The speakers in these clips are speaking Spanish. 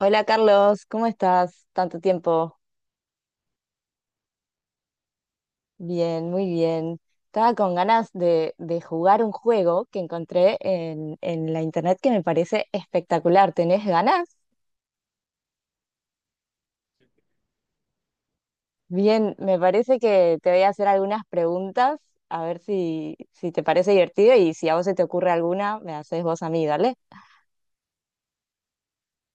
Hola Carlos, ¿cómo estás? Tanto tiempo. Bien, muy bien. Estaba con ganas de jugar un juego que encontré en la internet que me parece espectacular. ¿Tenés ganas? Bien, me parece que te voy a hacer algunas preguntas, a ver si te parece divertido y si a vos se te ocurre alguna, me haces vos a mí, dale.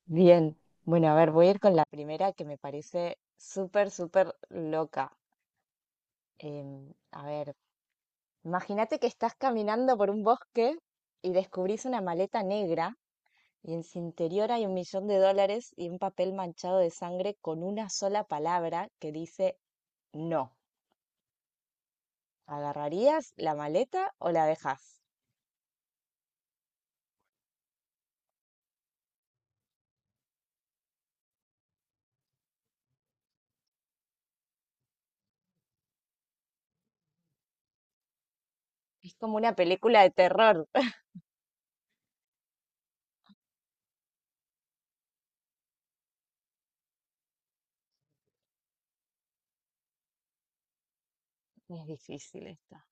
Bien, bueno, a ver, voy a ir con la primera que me parece súper, súper loca. Em, a ver. Imagínate que estás caminando por un bosque y descubrís una maleta negra y en su interior hay un millón de dólares y un papel manchado de sangre con una sola palabra que dice no. ¿Agarrarías la maleta o la dejás? Es como una película de terror. Es difícil esta.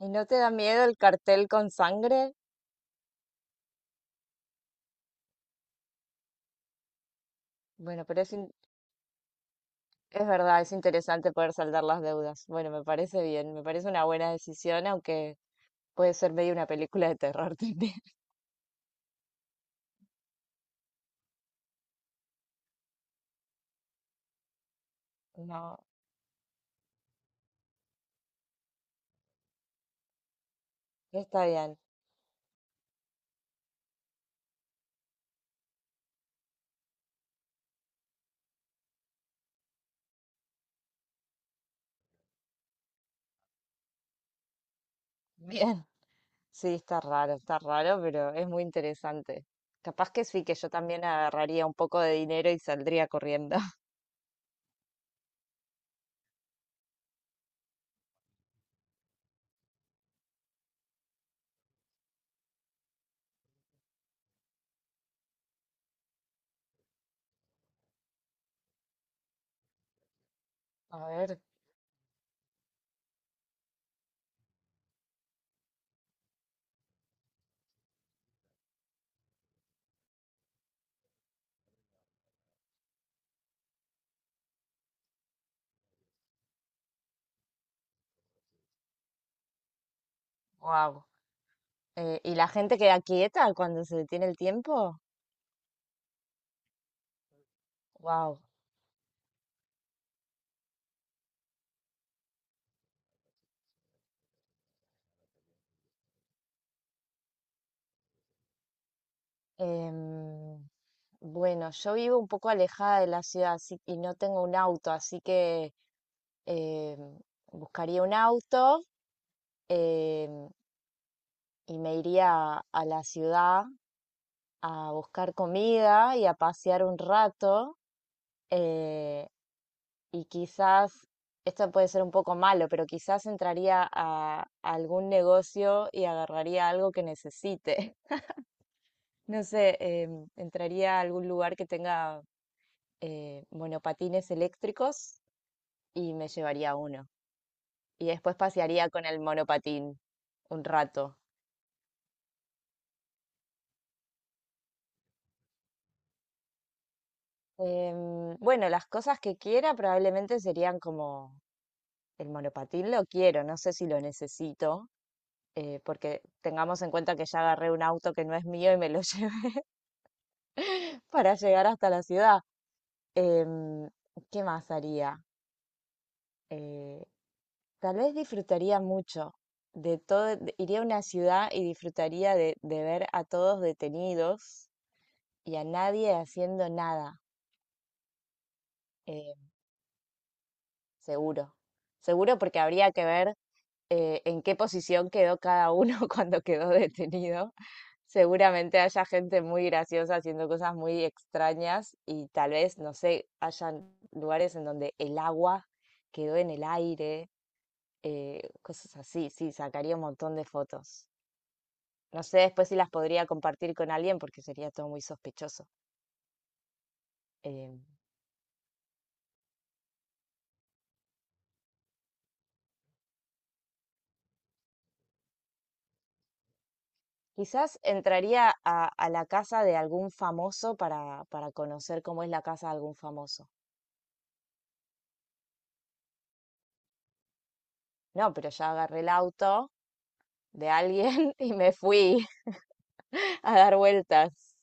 ¿Y no te da miedo el cartel con sangre? Bueno, pero es verdad, es interesante poder saldar las deudas. Bueno, me parece bien, me parece una buena decisión, aunque puede ser medio una película de terror también. No, está bien. Bien. Sí, está raro, pero es muy interesante. Capaz que sí, que yo también agarraría un poco de dinero y saldría corriendo. A ver, wow. ¿Y la gente queda quieta cuando se detiene el tiempo? Wow. Bueno, yo vivo un poco alejada de la ciudad así, y no tengo un auto, así que em, buscaría un auto, em, y me iría a la ciudad a buscar comida y a pasear un rato. eh, y quizás, esto puede ser un poco malo, pero quizás entraría a algún negocio y agarraría algo que necesite. No sé, entraría a algún lugar que tenga monopatines eléctricos y me llevaría uno. Y después pasearía con el monopatín un rato. Bueno, las cosas que quiera probablemente serían como el monopatín lo quiero, no sé si lo necesito, porque tengamos en cuenta que ya agarré un auto que no es mío y me lo llevé para llegar hasta la ciudad. Em, ¿Qué más haría? Eh, Tal vez disfrutaría mucho de todo, iría a una ciudad y disfrutaría de ver a todos detenidos y a nadie haciendo nada, eh, seguro. Seguro porque habría que ver en qué posición quedó cada uno cuando quedó detenido. Seguramente haya gente muy graciosa haciendo cosas muy extrañas y tal vez, no sé, hayan lugares en donde el agua quedó en el aire, cosas así. Sí, sacaría un montón de fotos. No sé después si las podría compartir con alguien porque sería todo muy sospechoso. Eh, Quizás entraría a la casa de algún famoso para conocer cómo es la casa de algún famoso. No, pero ya agarré el auto de alguien y me fui a dar vueltas.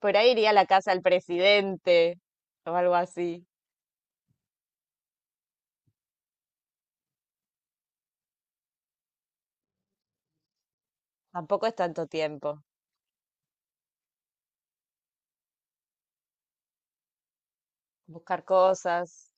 Por ahí iría a la casa del presidente o algo así. Tampoco es tanto tiempo. Buscar cosas.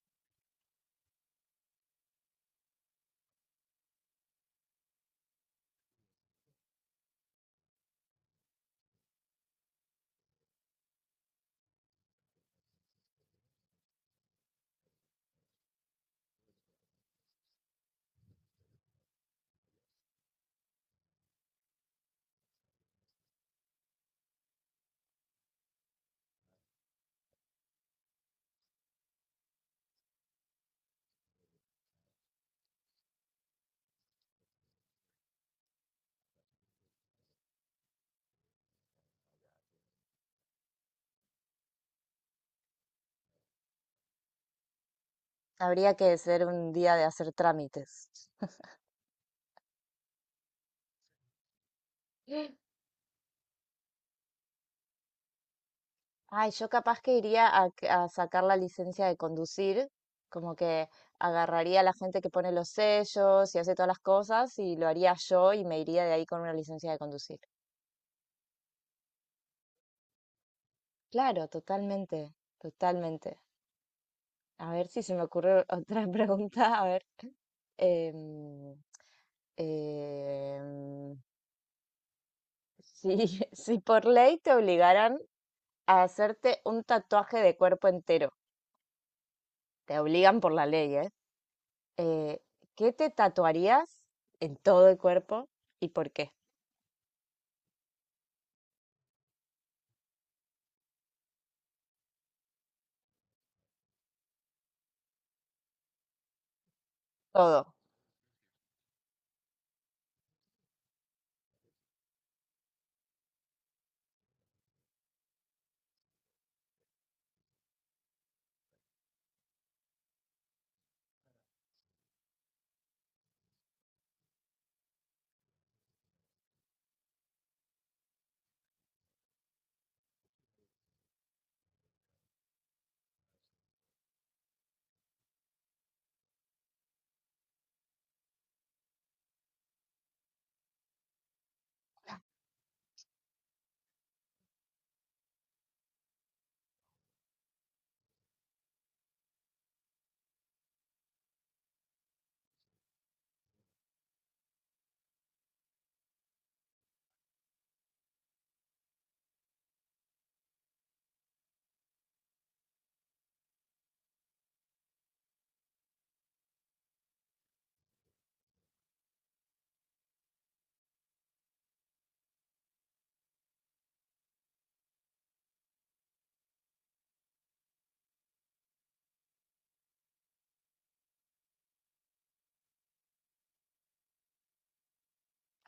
Habría que ser un día de hacer trámites. Ay, yo capaz que iría a sacar la licencia de conducir, como que agarraría a la gente que pone los sellos y hace todas las cosas y lo haría yo y me iría de ahí con una licencia de conducir. Claro, totalmente, totalmente. A ver si se me ocurre otra pregunta. A ver, em, em, si, si por ley te obligaran a hacerte un tatuaje de cuerpo entero, te obligan por la ley, ¿eh? Eh, ¿Qué te tatuarías en todo el cuerpo y por qué? Todo.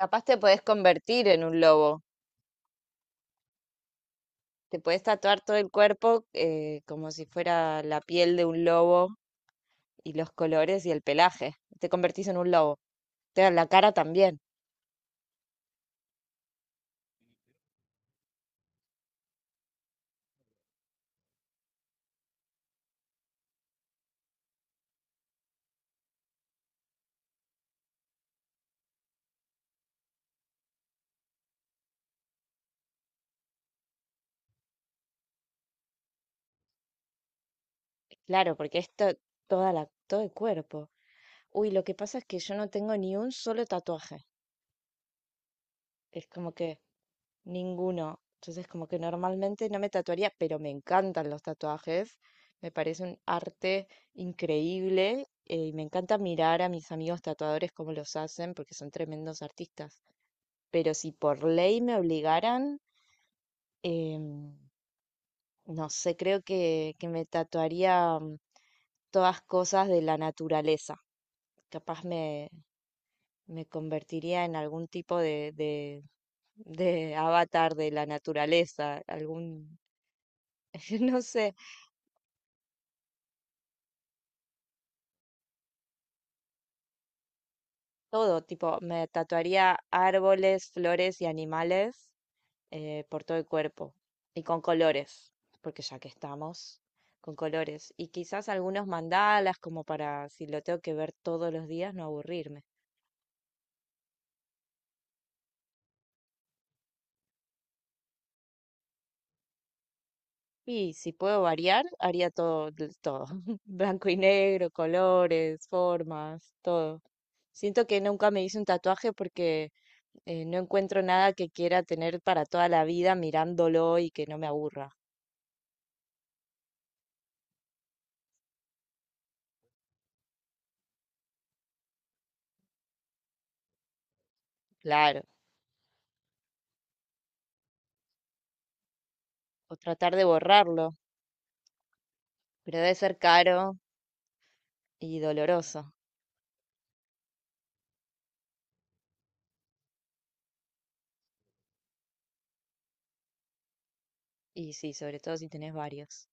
Capaz te podés convertir en un lobo. Te podés tatuar todo el cuerpo, como si fuera la piel de un lobo y los colores y el pelaje. Te convertís en un lobo. Te da la cara también. Claro, porque esto, toda la, todo el cuerpo. Uy, lo que pasa es que yo no tengo ni un solo tatuaje. Es como que ninguno. Entonces, como que normalmente no me tatuaría, pero me encantan los tatuajes. Me parece un arte increíble, y me encanta mirar a mis amigos tatuadores cómo los hacen, porque son tremendos artistas. Pero si por ley me obligaran, em, no sé, creo que me tatuaría todas cosas de la naturaleza. Capaz me convertiría en algún tipo de avatar de la naturaleza, algún, no sé, todo, tipo, me tatuaría árboles, flores y animales por todo el cuerpo y con colores, porque ya que estamos con colores, y quizás algunos mandalas como para, si lo tengo que ver todos los días, no aburrirme. Y si puedo variar, haría todo, todo. Blanco y negro, colores, formas, todo. Siento que nunca me hice un tatuaje porque no encuentro nada que quiera tener para toda la vida mirándolo y que no me aburra. Claro. O tratar de borrarlo, pero debe ser caro y doloroso. Y sí, sobre todo si tenés varios.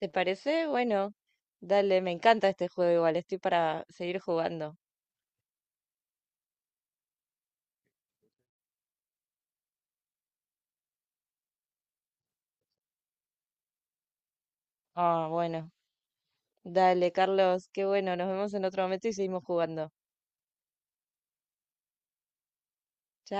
¿Te parece? Bueno, dale, me encanta este juego igual, estoy para seguir jugando. Ah, bueno. Dale, Carlos, qué bueno, nos vemos en otro momento y seguimos jugando.